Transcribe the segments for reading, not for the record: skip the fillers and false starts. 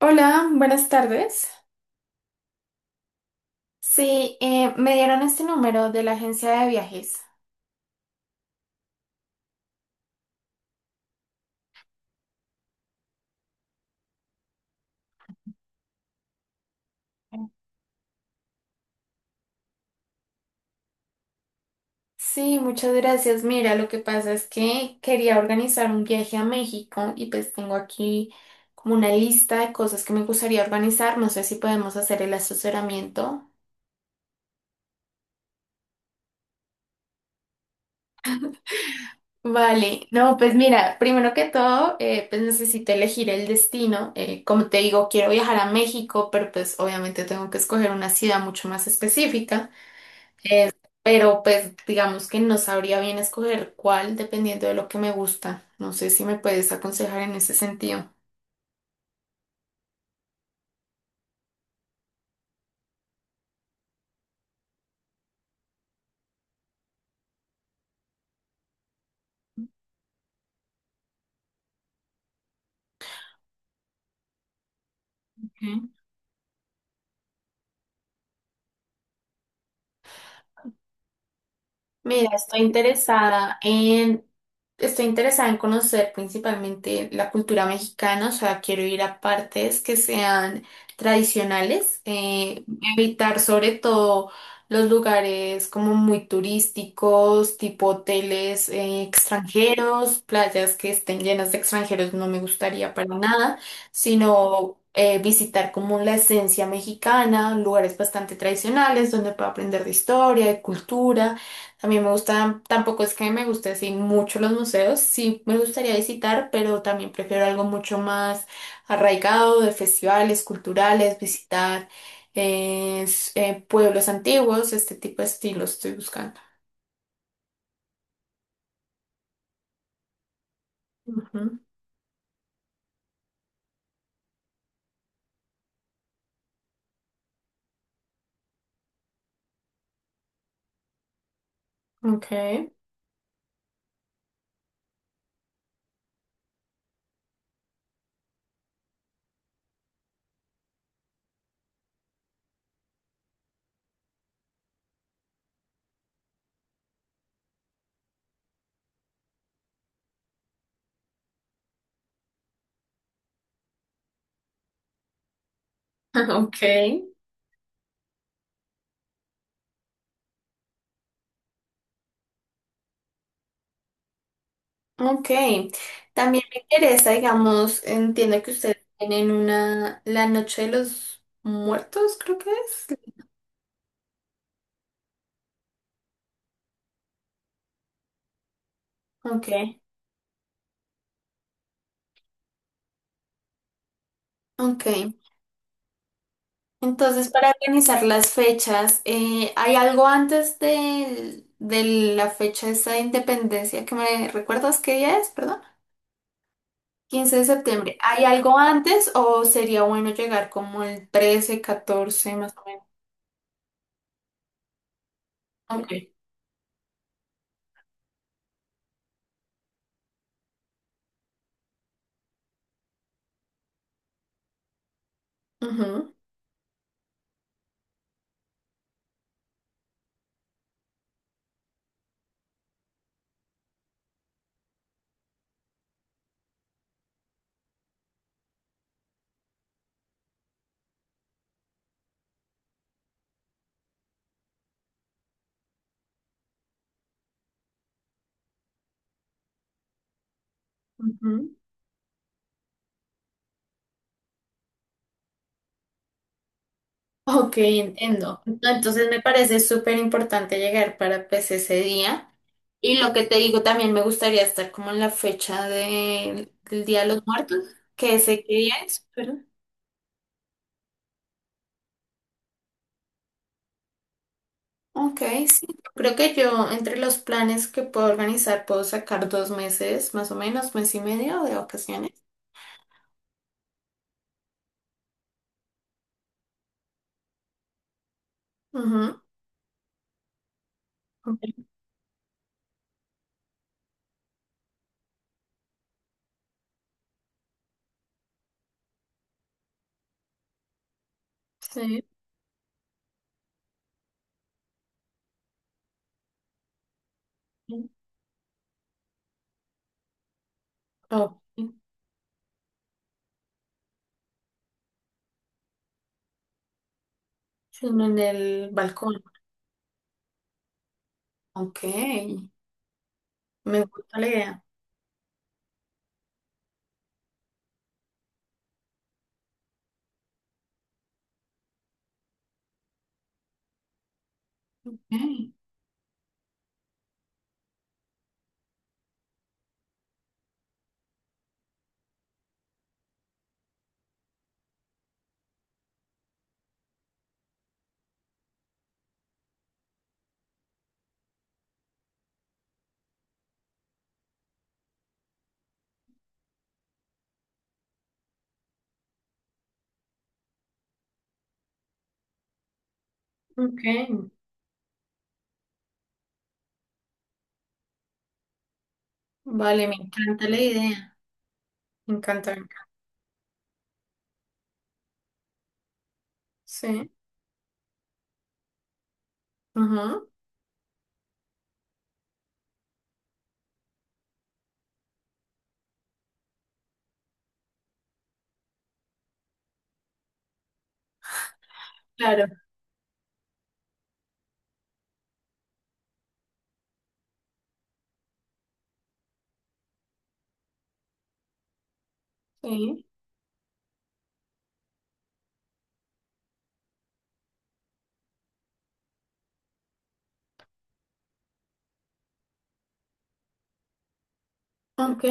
Hola, buenas tardes. Sí, me dieron este número de la agencia de viajes. Sí, muchas gracias. Mira, lo que pasa es que quería organizar un viaje a México y pues tengo aquí como una lista de cosas que me gustaría organizar. No sé si podemos hacer el asesoramiento. Vale, no, pues mira, primero que todo, pues necesito elegir el destino. Como te digo, quiero viajar a México, pero pues obviamente tengo que escoger una ciudad mucho más específica. Pero pues digamos que no sabría bien escoger cuál dependiendo de lo que me gusta. No sé si me puedes aconsejar en ese sentido. Mira, estoy interesada en, Estoy interesada en conocer principalmente la cultura mexicana, o sea, quiero ir a partes que sean tradicionales, evitar sobre todo los lugares como muy turísticos, tipo hoteles, extranjeros, playas que estén llenas de extranjeros, no me gustaría para nada, sino visitar como la esencia mexicana, lugares bastante tradicionales donde pueda aprender de historia, de cultura. A mí me gustan, tampoco es que me guste así mucho los museos, sí me gustaría visitar, pero también prefiero algo mucho más arraigado de festivales culturales, visitar pueblos antiguos, este tipo de estilo estoy buscando. Ujú. Ok, ok, ok. También me interesa, digamos, entiendo que ustedes tienen una, la Noche de los Muertos, creo que es. Ok, ok. Entonces, para organizar las fechas, ¿hay algo antes de la fecha esa de independencia que me recuerdas qué día es? Perdón. 15 de septiembre. ¿Hay algo antes o sería bueno llegar como el 13, 14 más o menos? Ok. Ujú, ujú. Ok, entiendo. Entonces me parece súper importante llegar para pues ese día. Y lo que te digo también me gustaría estar como en la fecha del Día de los Muertos, que sé qué día es. Ok, sí. Creo que yo entre los planes que puedo organizar puedo sacar dos meses, más o menos, mes y medio de vacaciones. Ujú. Ok. Sí. Ok. Sino en el balcón. Ok. Me gusta la idea. Ok. Ok. Vale, me encanta la idea. Me encanta. Sí. Ujú. Claro. Sí. Ok.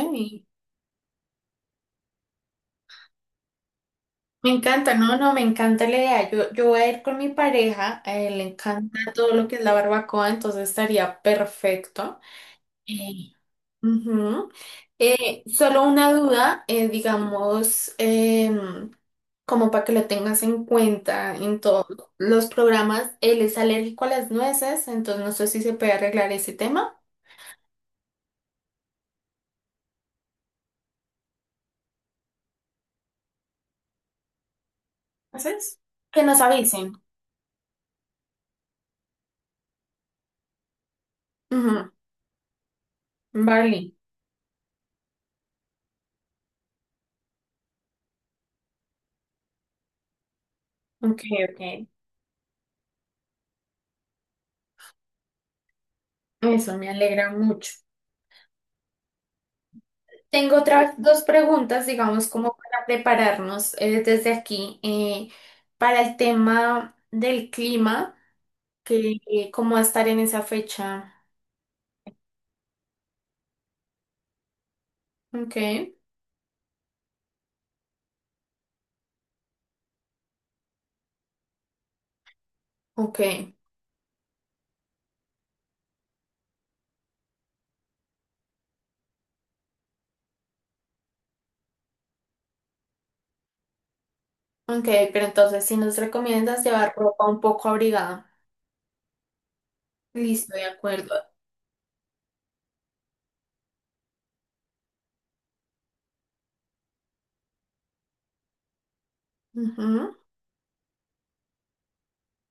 Me encanta, no, no, me encanta la idea. Yo, voy a ir con mi pareja, a él le encanta todo lo que es la barbacoa, entonces estaría perfecto. Eh, ujú. Solo una duda, digamos, como para que lo tengas en cuenta en todos los programas, él es alérgico a las nueces, entonces no sé si se puede arreglar ese tema. ¿Haces? Que nos avisen. Ujú. Vale, ok, ok. Eso me alegra mucho. Tengo otras dos preguntas, digamos, como para prepararnos desde aquí para el tema del clima, que cómo va a estar en esa fecha. Ok, ok, ok, pero entonces si nos recomiendas llevar ropa un poco abrigada. Listo, de acuerdo. Ujú.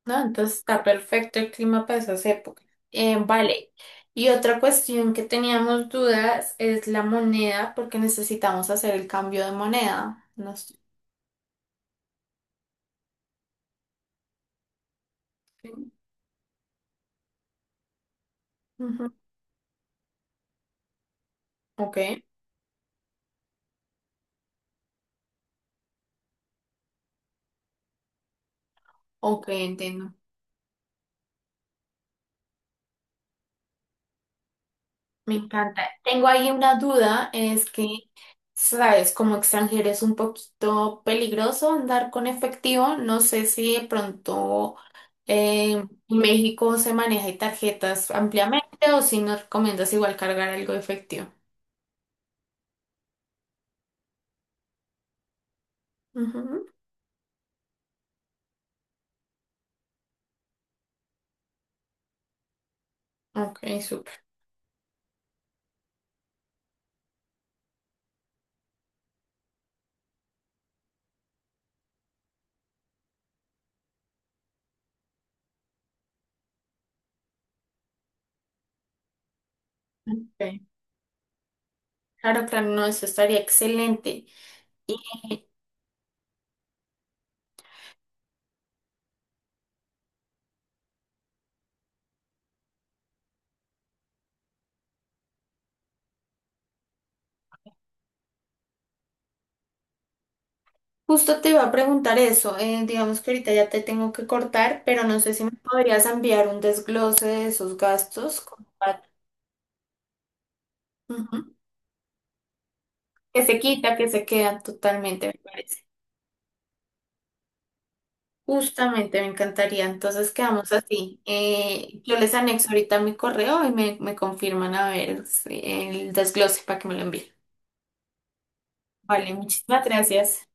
No, entonces está perfecto el clima para esas épocas. Vale. Y otra cuestión que teníamos dudas es la moneda, porque necesitamos hacer el cambio de moneda. No sé. Ujú. Ok, ok, entiendo. Me encanta. Tengo ahí una duda, es que, sabes, como extranjero es un poquito peligroso andar con efectivo. No sé si de pronto eh, en México se maneja tarjetas ampliamente o si nos recomiendas igual cargar algo de efectivo. Ujú. Ok, súper. Ok. Claro, claro, no, eso estaría excelente. Justo te iba a preguntar eso, digamos que ahorita ya te tengo que cortar, pero no sé si me podrías enviar un desglose de esos gastos como para- Ujú. Que se quita, que se quedan totalmente, me parece. Justamente me encantaría, entonces quedamos así. Yo les anexo ahorita mi correo y me confirman a ver si- el desglose para que me lo envíen. Vale, muchísimas gracias.